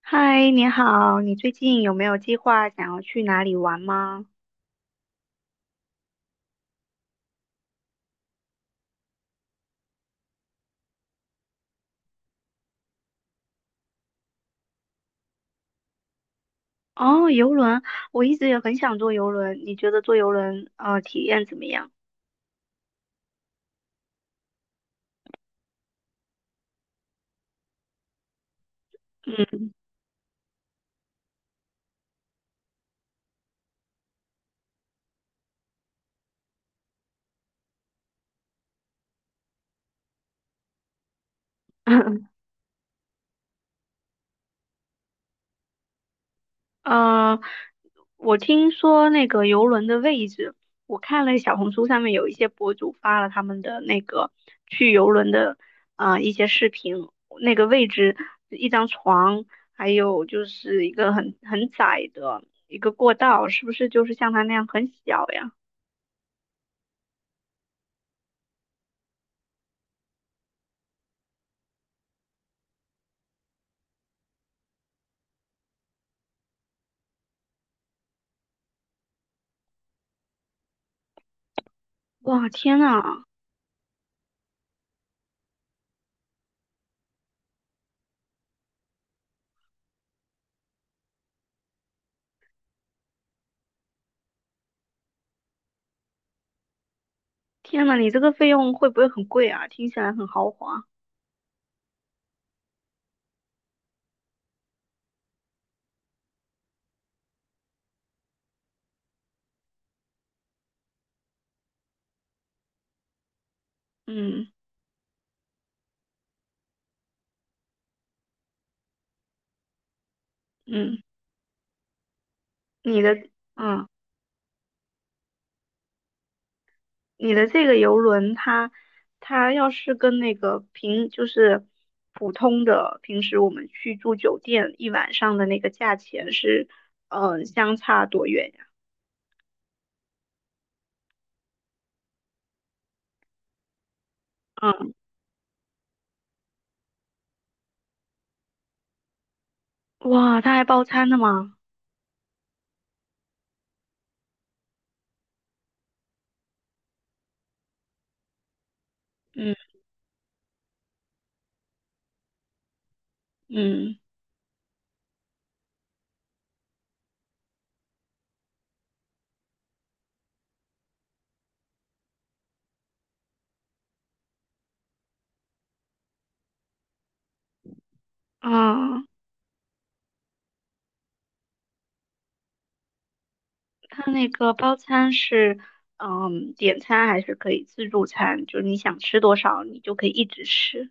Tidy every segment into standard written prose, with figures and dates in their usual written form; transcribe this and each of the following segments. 嗨，你好，你最近有没有计划想要去哪里玩吗？哦，游轮，我一直也很想坐游轮，你觉得坐游轮体验怎么样？嗯，呃，我听说那个游轮的位置，我看了小红书上面有一些博主发了他们的那个去游轮的一些视频，那个位置一张床，还有就是一个很窄的一个过道，是不是就是像它那样很小呀？哇，天呐，天呐，你这个费用会不会很贵啊？听起来很豪华。嗯嗯，你的嗯，你的这个游轮它，它要是跟那个平就是普通的平时我们去住酒店一晚上的那个价钱是，嗯、相差多远呀？嗯，哇，它还包餐的吗？嗯嗯啊。它那个包餐是，嗯，点餐还是可以自助餐，就是你想吃多少，你就可以一直吃。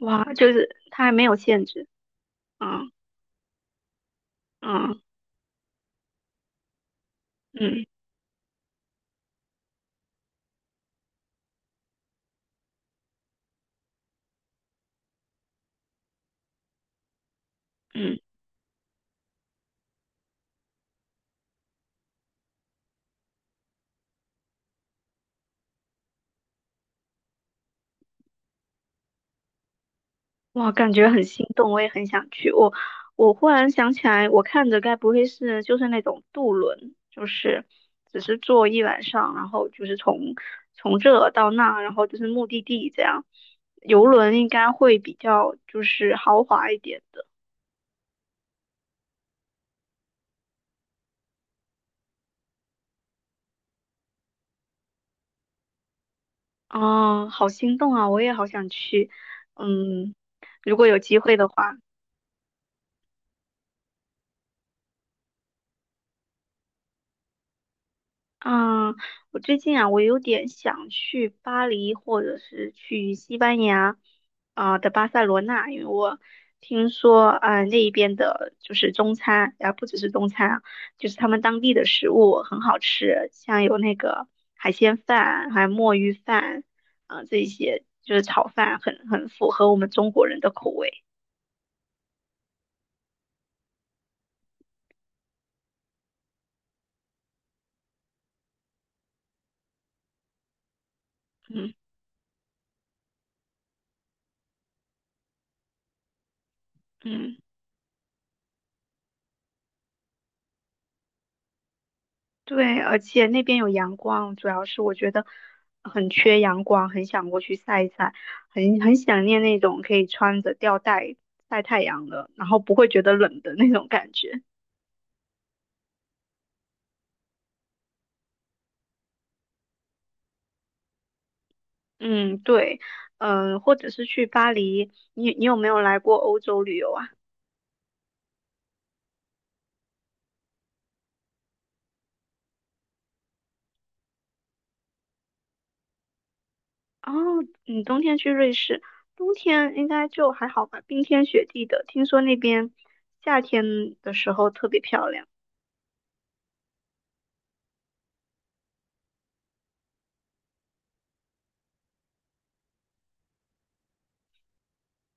哇，就是它还没有限制。嗯嗯嗯嗯，哇，感觉很心动，我也很想去。我忽然想起来，我看着该不会是就是那种渡轮，就是只是坐一晚上，然后就是从这到那，然后就是目的地这样。游轮应该会比较就是豪华一点。的。哦，好心动啊！我也好想去，嗯，如果有机会的话，嗯，我最近啊，我有点想去巴黎，或者是去西班牙，啊、的巴塞罗那，因为我听说，啊、那一边的就是中餐，啊，不只是中餐啊，就是他们当地的食物很好吃，像有那个海鲜饭，还有墨鱼饭，啊、这一些就是炒饭很符合我们中国人的口味，嗯嗯。对，而且那边有阳光，主要是我觉得很缺阳光，很想过去晒一晒，很想念那种可以穿着吊带晒太阳的，然后不会觉得冷的那种感觉。嗯，对，嗯、或者是去巴黎，你有没有来过欧洲旅游啊？哦，你冬天去瑞士，冬天应该就还好吧，冰天雪地的，听说那边夏天的时候特别漂亮。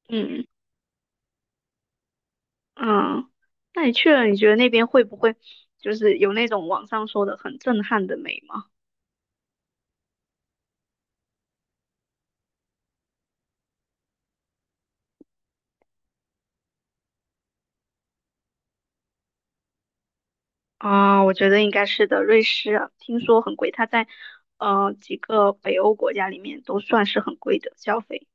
嗯。嗯，那你去了，你觉得那边会不会就是有那种网上说的很震撼的美吗？啊，我觉得应该是的。瑞士啊听说很贵，它在几个北欧国家里面都算是很贵的消费。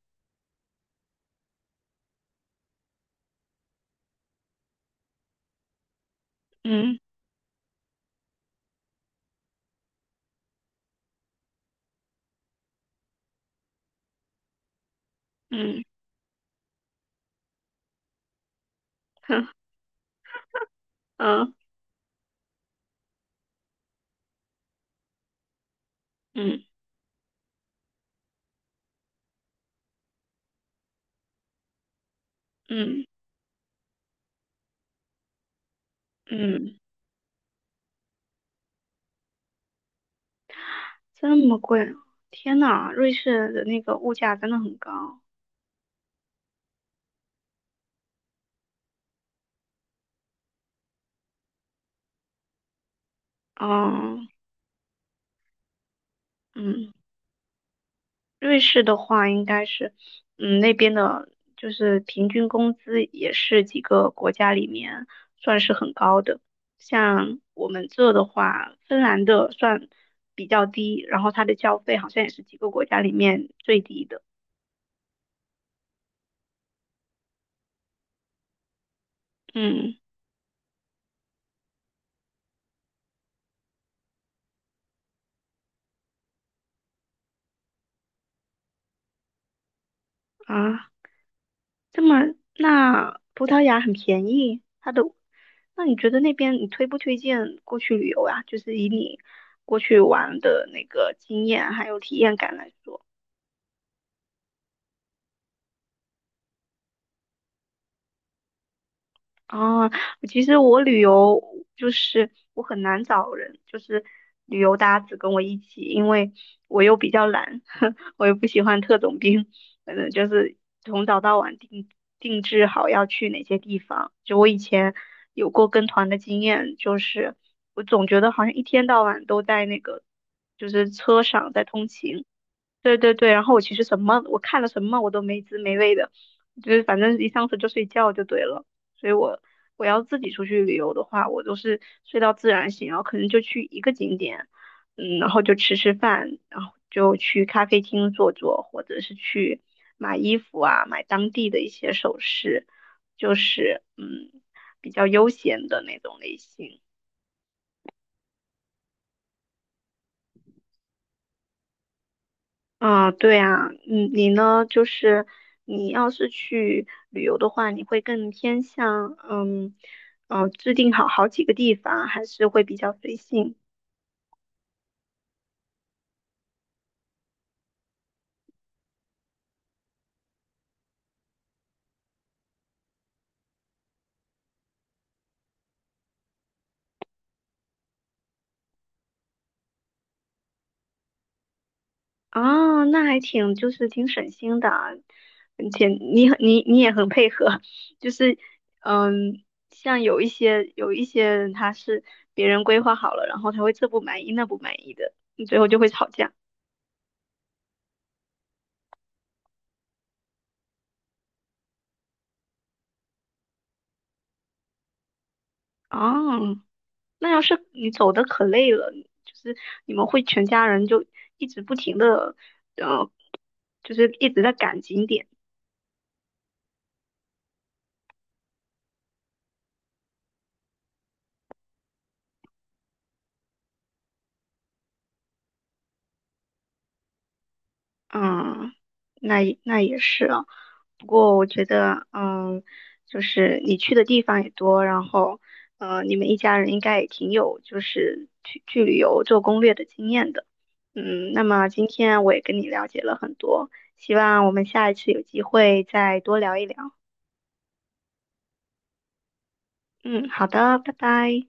嗯嗯哼嗯嗯嗯嗯，这么贵啊天呐，瑞士的那个物价真的很高啊。哦嗯。瑞士的话，应该是，嗯，那边的就是平均工资也是几个国家里面算是很高的。像我们这的话，芬兰的算比较低，然后它的消费好像也是几个国家里面最低的。嗯啊，这么那葡萄牙很便宜，它的，那你觉得那边你推不推荐过去旅游呀？就是以你过去玩的那个经验还有体验感来说。啊，其实我旅游就是我很难找人，就是旅游搭子跟我一起，因为我又比较懒，我又不喜欢特种兵，反正就是从早到晚定制好要去哪些地方。就我以前有过跟团的经验，就是我总觉得好像一天到晚都在那个就是车上在通勤，对对对，然后我其实什么，我看了什么我都没滋没味的，就是反正一上车就睡觉就对了。所以我要自己出去旅游的话，我都是睡到自然醒，然后可能就去一个景点，嗯，然后就吃吃饭，然后就去咖啡厅坐坐，或者是去买衣服啊，买当地的一些首饰，就是嗯比较悠闲的那种类型。啊，对啊，嗯，你呢？就是你要是去旅游的话，你会更偏向嗯，制定好好几个地方，还是会比较随性啊？那还挺，就是挺省心的啊，而且你也很配合，就是嗯，像有一些人他是别人规划好了，然后他会这不满意那不满意的，最后就会吵架。哦，那要是你走的可累了，就是你们会全家人就一直不停的，呃，就是一直在赶景点，嗯，那也那也是啊。不过我觉得，嗯，就是你去的地方也多，然后，呃，你们一家人应该也挺有就是去旅游做攻略的经验的，嗯，那么今天我也跟你了解了很多，希望我们下一次有机会再多聊一聊。嗯，好的，拜拜。